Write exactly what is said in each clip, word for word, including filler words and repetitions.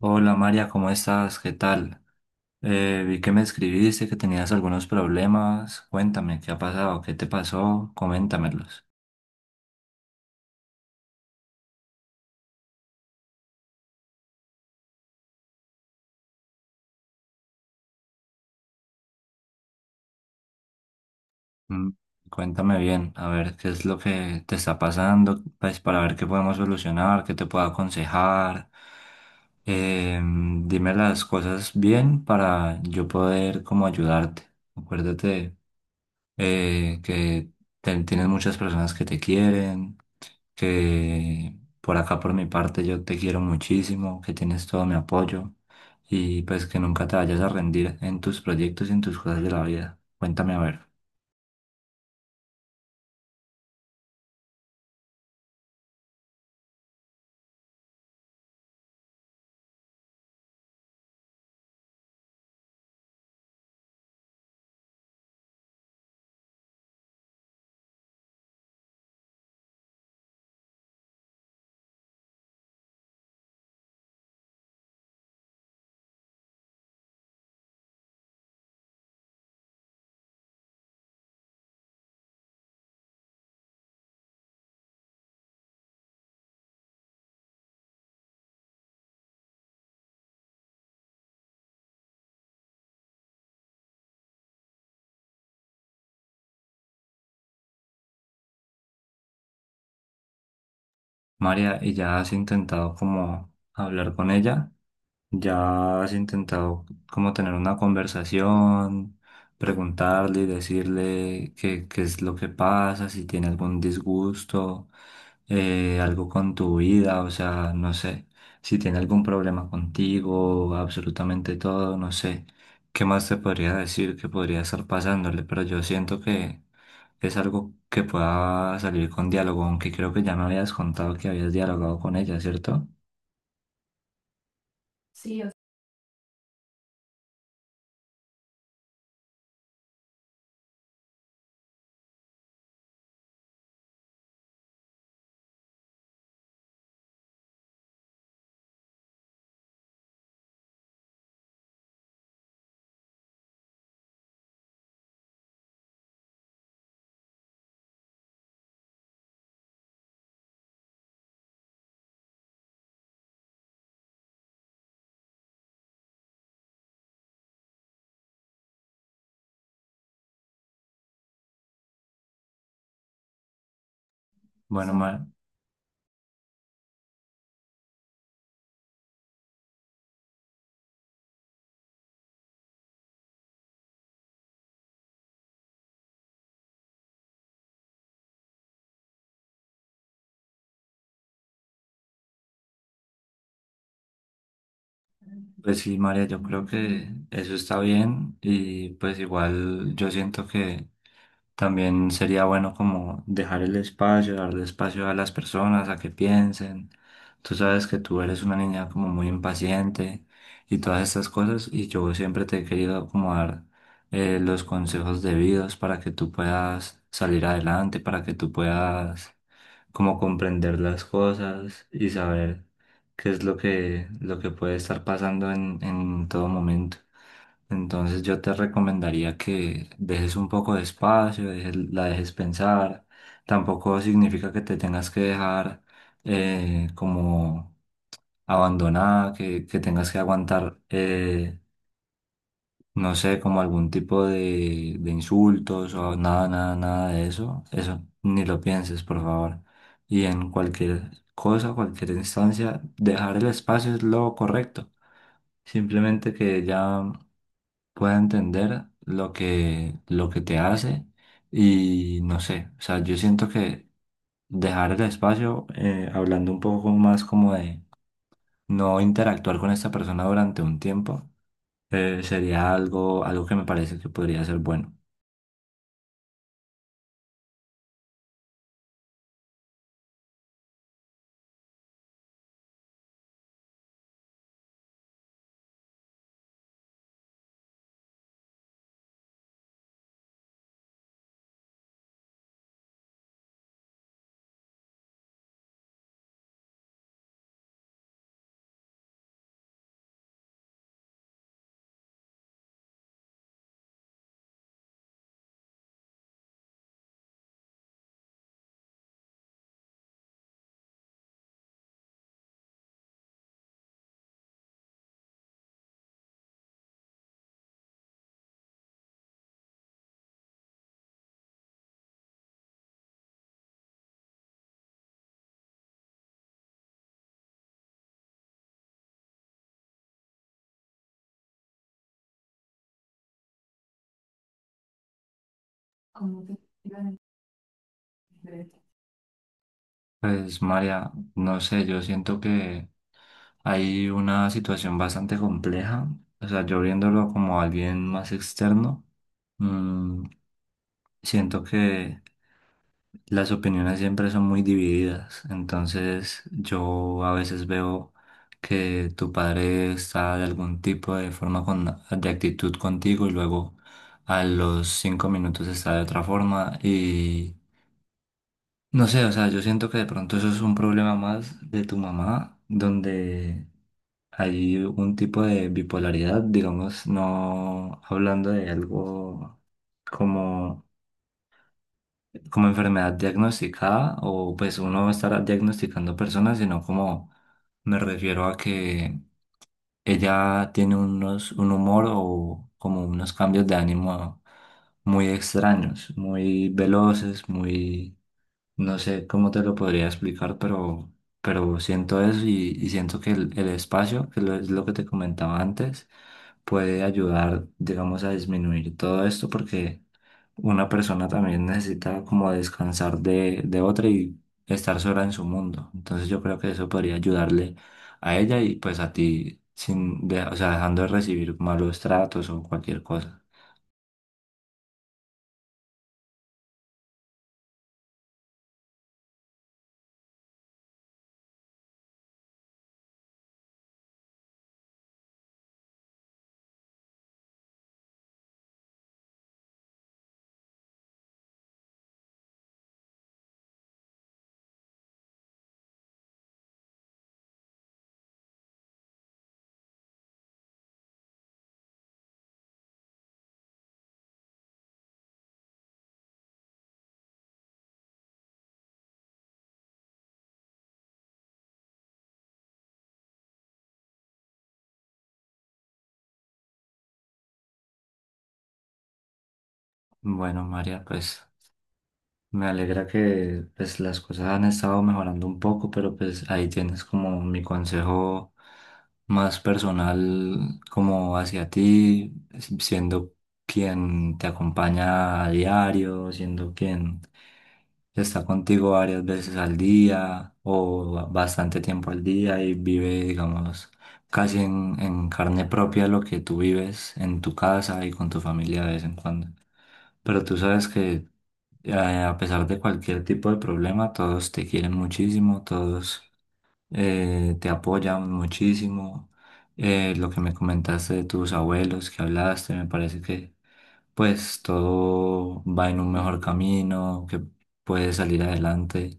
Hola María, ¿cómo estás? ¿Qué tal? Eh, vi que me escribiste, que tenías algunos problemas. Cuéntame, ¿qué ha pasado? ¿Qué te pasó? Coméntamelos. Mm. Cuéntame bien, a ver qué es lo que te está pasando, pues para ver qué podemos solucionar, qué te puedo aconsejar. Em, dime las cosas bien para yo poder como ayudarte. Acuérdate eh, que te- tienes muchas personas que te quieren. Que por acá, por mi parte, yo te quiero muchísimo, que tienes todo mi apoyo y pues que nunca te vayas a rendir en tus proyectos y en tus cosas de la vida. Cuéntame a ver, María, ¿y ya has intentado como hablar con ella? ¿Ya has intentado como tener una conversación, preguntarle y decirle qué, qué es lo que pasa, si tiene algún disgusto, eh, algo con tu vida, o sea, no sé, si tiene algún problema contigo, absolutamente todo, no sé, qué más te podría decir que podría estar pasándole, pero yo siento que es algo que pueda salir con diálogo, aunque creo que ya me habías contado que habías dialogado con ella, ¿cierto? Bueno. Pues sí, María, yo creo que eso está bien y pues igual yo siento que también sería bueno como dejar el espacio, darle espacio a las personas a que piensen. Tú sabes que tú eres una niña como muy impaciente y todas estas cosas y yo siempre te he querido como dar eh, los consejos debidos para que tú puedas salir adelante, para que tú puedas como comprender las cosas y saber qué es lo que, lo que puede estar pasando en, en todo momento. Entonces yo te recomendaría que dejes un poco de espacio, dejes- la dejes pensar. Tampoco significa que te tengas que dejar eh, como abandonada, que, que tengas que aguantar, eh, no sé, como algún tipo de, de insultos o nada, nada, nada de eso. Eso ni lo pienses, por favor. Y en cualquier cosa, cualquier instancia, dejar el espacio es lo correcto. Simplemente que ya pueda entender lo que, lo que te hace y no sé, o sea, yo siento que dejar el espacio, eh, hablando un poco más como de no interactuar con esta persona durante un tiempo, eh, sería algo, algo que me parece que podría ser bueno. Pues María, no sé, yo siento que hay una situación bastante compleja, o sea, yo viéndolo como alguien más externo, mm, siento que las opiniones siempre son muy divididas, entonces yo a veces veo que tu padre está de algún tipo de forma con, de actitud contigo y luego a los cinco minutos está de otra forma y no sé, o sea, yo siento que de pronto eso es un problema más de tu mamá, donde hay un tipo de bipolaridad, digamos, no hablando de algo como como enfermedad diagnosticada o pues uno estará diagnosticando personas, sino como me refiero a que ella tiene unos, un humor o como unos cambios de ánimo muy extraños, muy veloces, muy no sé cómo te lo podría explicar, pero, pero siento eso y, y siento que el, el espacio, que lo- es lo que te comentaba antes, puede ayudar, digamos, a disminuir todo esto porque una persona también necesita como descansar de, de otra y estar sola en su mundo. Entonces yo creo que eso podría ayudarle a ella y pues a ti, sin de- o sea, dejando de recibir malos tratos o cualquier cosa. Bueno, María, pues me alegra que pues las cosas han estado mejorando un poco, pero pues ahí tienes como mi consejo más personal como hacia ti, si- siendo quien te acompaña a diario, siendo quien está contigo varias veces al día o bastante tiempo al día y vive, digamos, casi en, en carne propia lo que tú vives en tu casa y con tu familia de vez en cuando. Pero tú sabes que eh, a pesar de cualquier tipo de problema, todos te quieren muchísimo, todos eh, te apoyan muchísimo. Eh, lo que me comentaste de tus abuelos, que hablaste, me parece que pues todo va en un mejor camino, que puedes salir adelante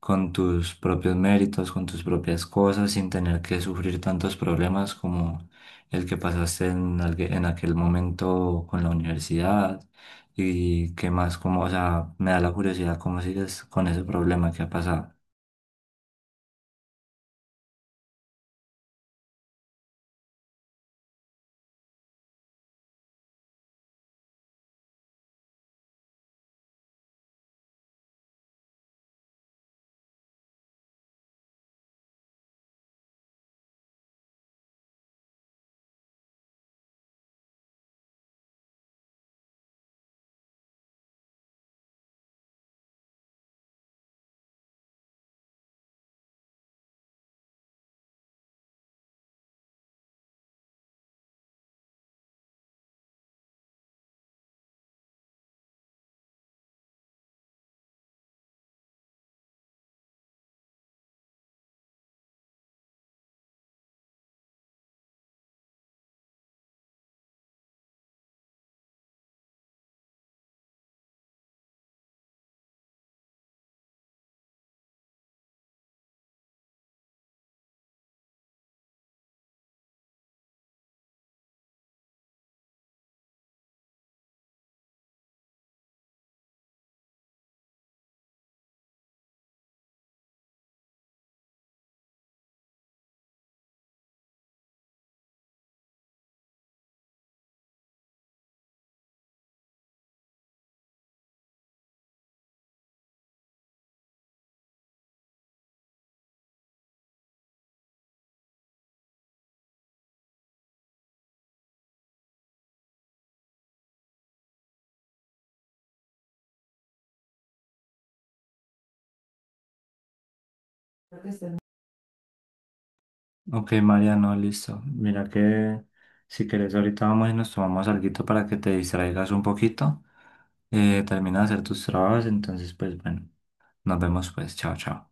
con tus propios méritos, con tus propias cosas, sin tener que sufrir tantos problemas como el que pasaste en, algue- en aquel momento con la universidad. Y que más, como, o sea, me da la curiosidad cómo sigues con ese problema que ha pasado. Ok, Mariano, listo. Mira que si querés ahorita vamos y nos tomamos alguito para que te distraigas un poquito. Eh, termina de hacer tus trabajos, entonces pues bueno, nos vemos pues. Chao, chao.